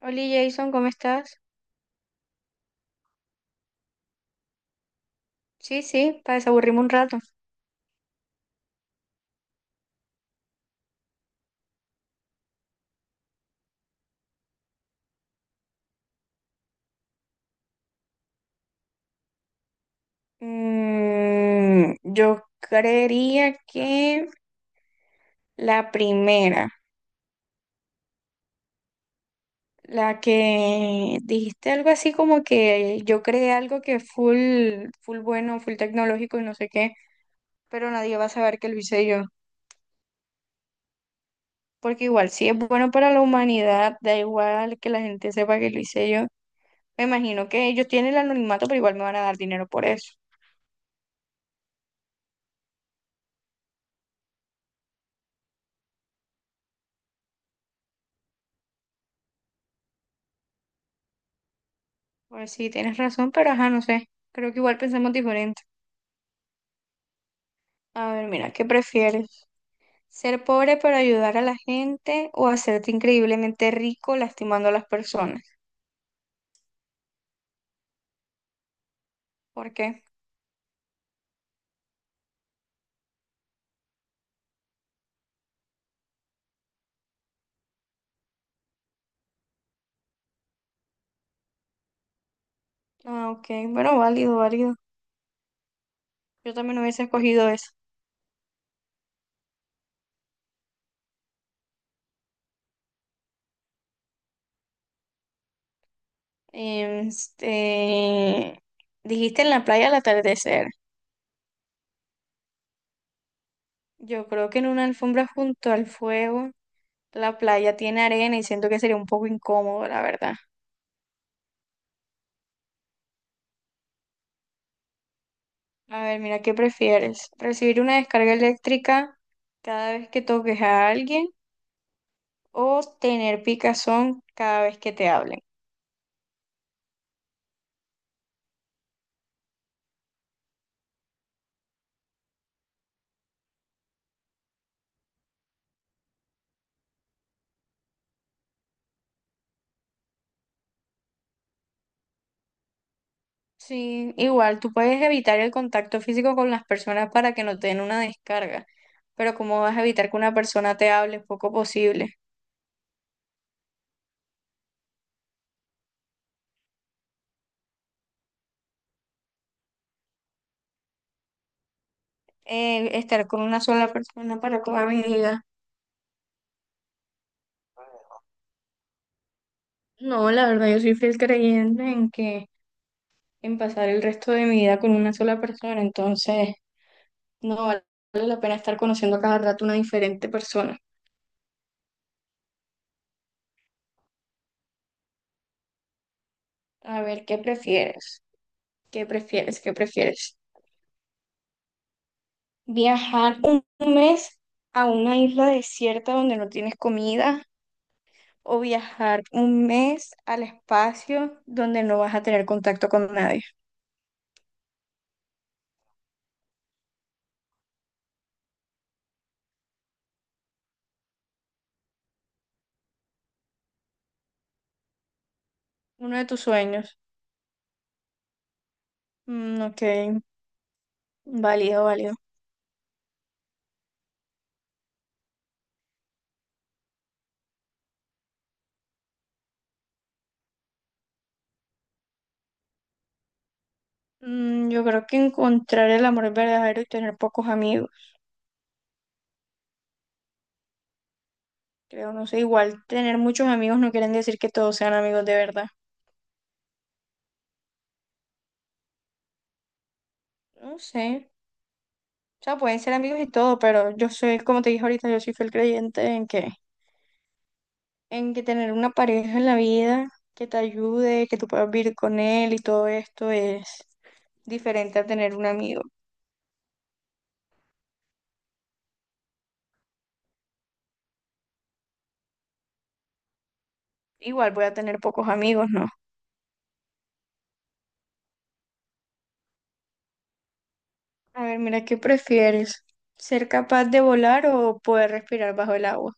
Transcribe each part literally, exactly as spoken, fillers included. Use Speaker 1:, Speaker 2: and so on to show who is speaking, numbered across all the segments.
Speaker 1: Hola Jason, ¿cómo estás? Sí, sí, para desaburrirme un rato. Mm, yo creería que la primera, la que dijiste algo así como que yo creé algo que es full, full bueno, full tecnológico y no sé qué, pero nadie va a saber que lo hice yo. Porque igual, si es bueno para la humanidad, da igual que la gente sepa que lo hice yo. Me imagino que ellos tienen el anonimato, pero igual me van a dar dinero por eso. Pues sí, tienes razón, pero ajá, no sé. Creo que igual pensamos diferente. A ver, mira, ¿qué prefieres? ¿Ser pobre pero ayudar a la gente o hacerte increíblemente rico lastimando a las personas? ¿Por qué? Ah, ok, bueno, válido, válido. Yo también hubiese escogido eso. Em, Este, dijiste en la playa al atardecer. Yo creo que en una alfombra junto al fuego, la playa tiene arena y siento que sería un poco incómodo, la verdad. A ver, mira, ¿qué prefieres? ¿Recibir una descarga eléctrica cada vez que toques a alguien, o tener picazón cada vez que te hablen? Sí, igual tú puedes evitar el contacto físico con las personas para que no te den una descarga, pero ¿cómo vas a evitar que una persona te hable? Es poco posible. Eh, estar con una sola persona para toda mi vida. No, la verdad, yo soy fiel creyente en que en pasar el resto de mi vida con una sola persona, entonces no vale la pena estar conociendo a cada rato una diferente persona. A ver, ¿qué prefieres? ¿Qué prefieres? ¿Qué prefieres? Viajar un mes a una isla desierta donde no tienes comida o viajar un mes al espacio donde no vas a tener contacto con nadie. Uno de tus sueños. Mm, ok, válido, válido. Mm, yo creo que encontrar el amor verdadero y tener pocos amigos. Creo, no sé, igual tener muchos amigos no quieren decir que todos sean amigos de verdad. No sé. O sea, pueden ser amigos y todo, pero yo soy, como te dije ahorita, yo soy fiel creyente en que en que tener una pareja en la vida que te ayude, que tú puedas vivir con él y todo esto es diferente a tener un amigo. Igual voy a tener pocos amigos, ¿no? A ver, mira, ¿qué prefieres? ¿Ser capaz de volar o poder respirar bajo el agua?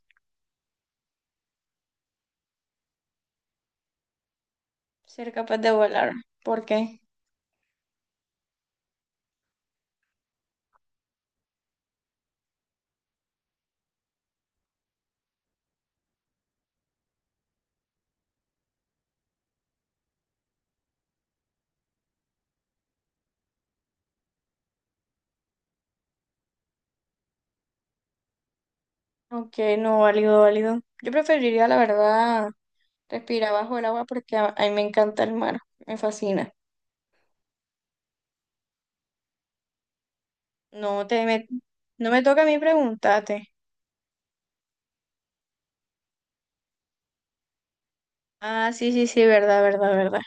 Speaker 1: Ser capaz de volar. ¿Por qué? Ok, no, válido, válido. Yo preferiría, la verdad, respirar bajo el agua porque a, a mí me encanta el mar, me fascina. No te me- no me toca a mí preguntarte. Ah, sí, sí, sí, verdad, verdad, verdad.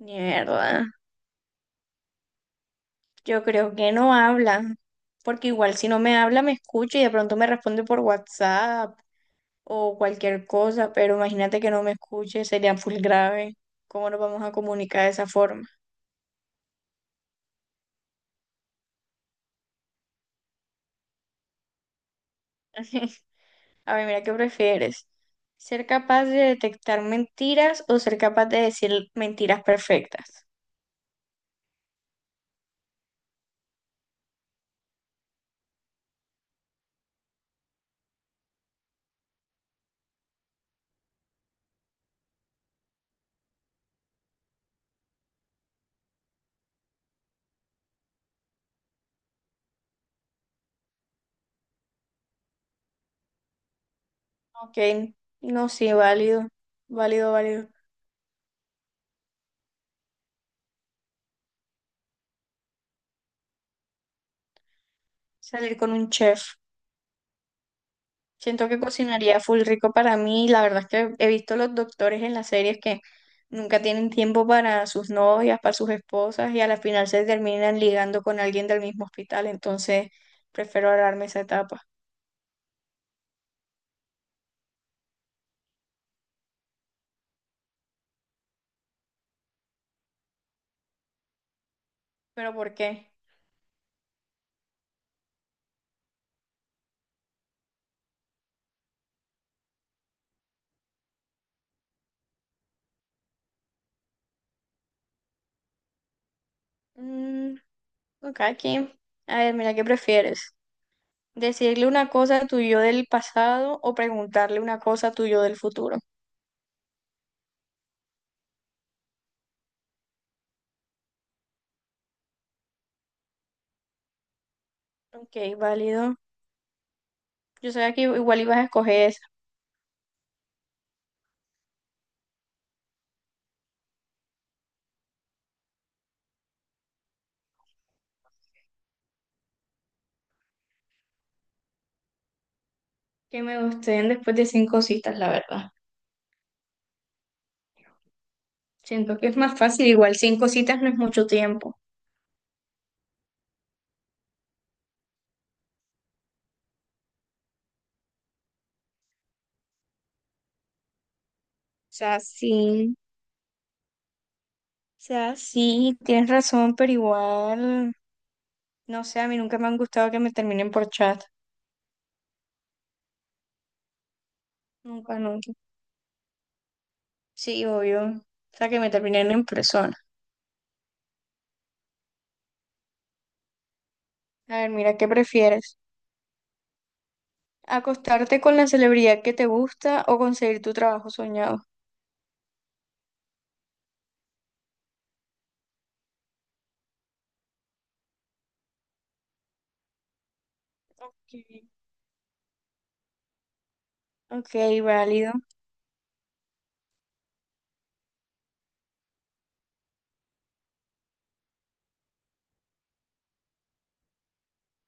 Speaker 1: Mierda, yo creo que no habla, porque igual si no me habla me escucha y de pronto me responde por WhatsApp o cualquier cosa, pero imagínate que no me escuche, sería full grave. ¿Cómo nos vamos a comunicar de esa forma? A ver, mira, ¿qué prefieres? ¿Ser capaz de detectar mentiras o ser capaz de decir mentiras perfectas? Ok, no, sí, válido, válido, válido. Salir con un chef. Siento que cocinaría full rico para mí. La verdad es que he visto los doctores en las series que nunca tienen tiempo para sus novias, para sus esposas y a la final se terminan ligando con alguien del mismo hospital. Entonces prefiero ahorrarme esa etapa. ¿Pero por qué? Mm, ok, aquí. A ver, mira, ¿qué prefieres? ¿Decirle una cosa a tu yo del pasado o preguntarle una cosa a tu yo del futuro? Ok, válido. Yo sabía que igual ibas a escoger esa. Que me gusten después de cinco citas, la verdad. Siento que es más fácil, igual cinco citas no es mucho tiempo. O sea, sí, o sea, sí, tienes razón, pero igual, no sé, a mí nunca me han gustado que me terminen por chat. Nunca, nunca. Sí, obvio. O sea, que me terminen en persona. A ver, mira, ¿qué prefieres? ¿Acostarte con la celebridad que te gusta o conseguir tu trabajo soñado? Ok, ok, válido.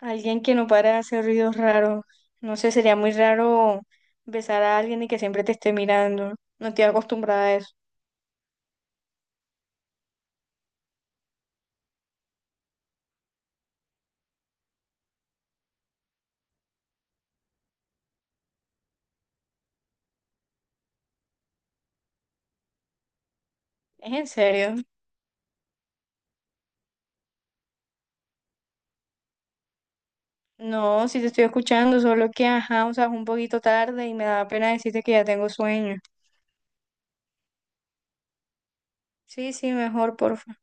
Speaker 1: Alguien que no para de hacer ruidos raros. No sé, sería muy raro besar a alguien y que siempre te esté mirando. No estoy acostumbrada a eso. ¿Es en serio? No, sí te estoy escuchando, solo que, ajá, o sea, es un poquito tarde y me da pena decirte que ya tengo sueño. Sí, sí, mejor, porfa.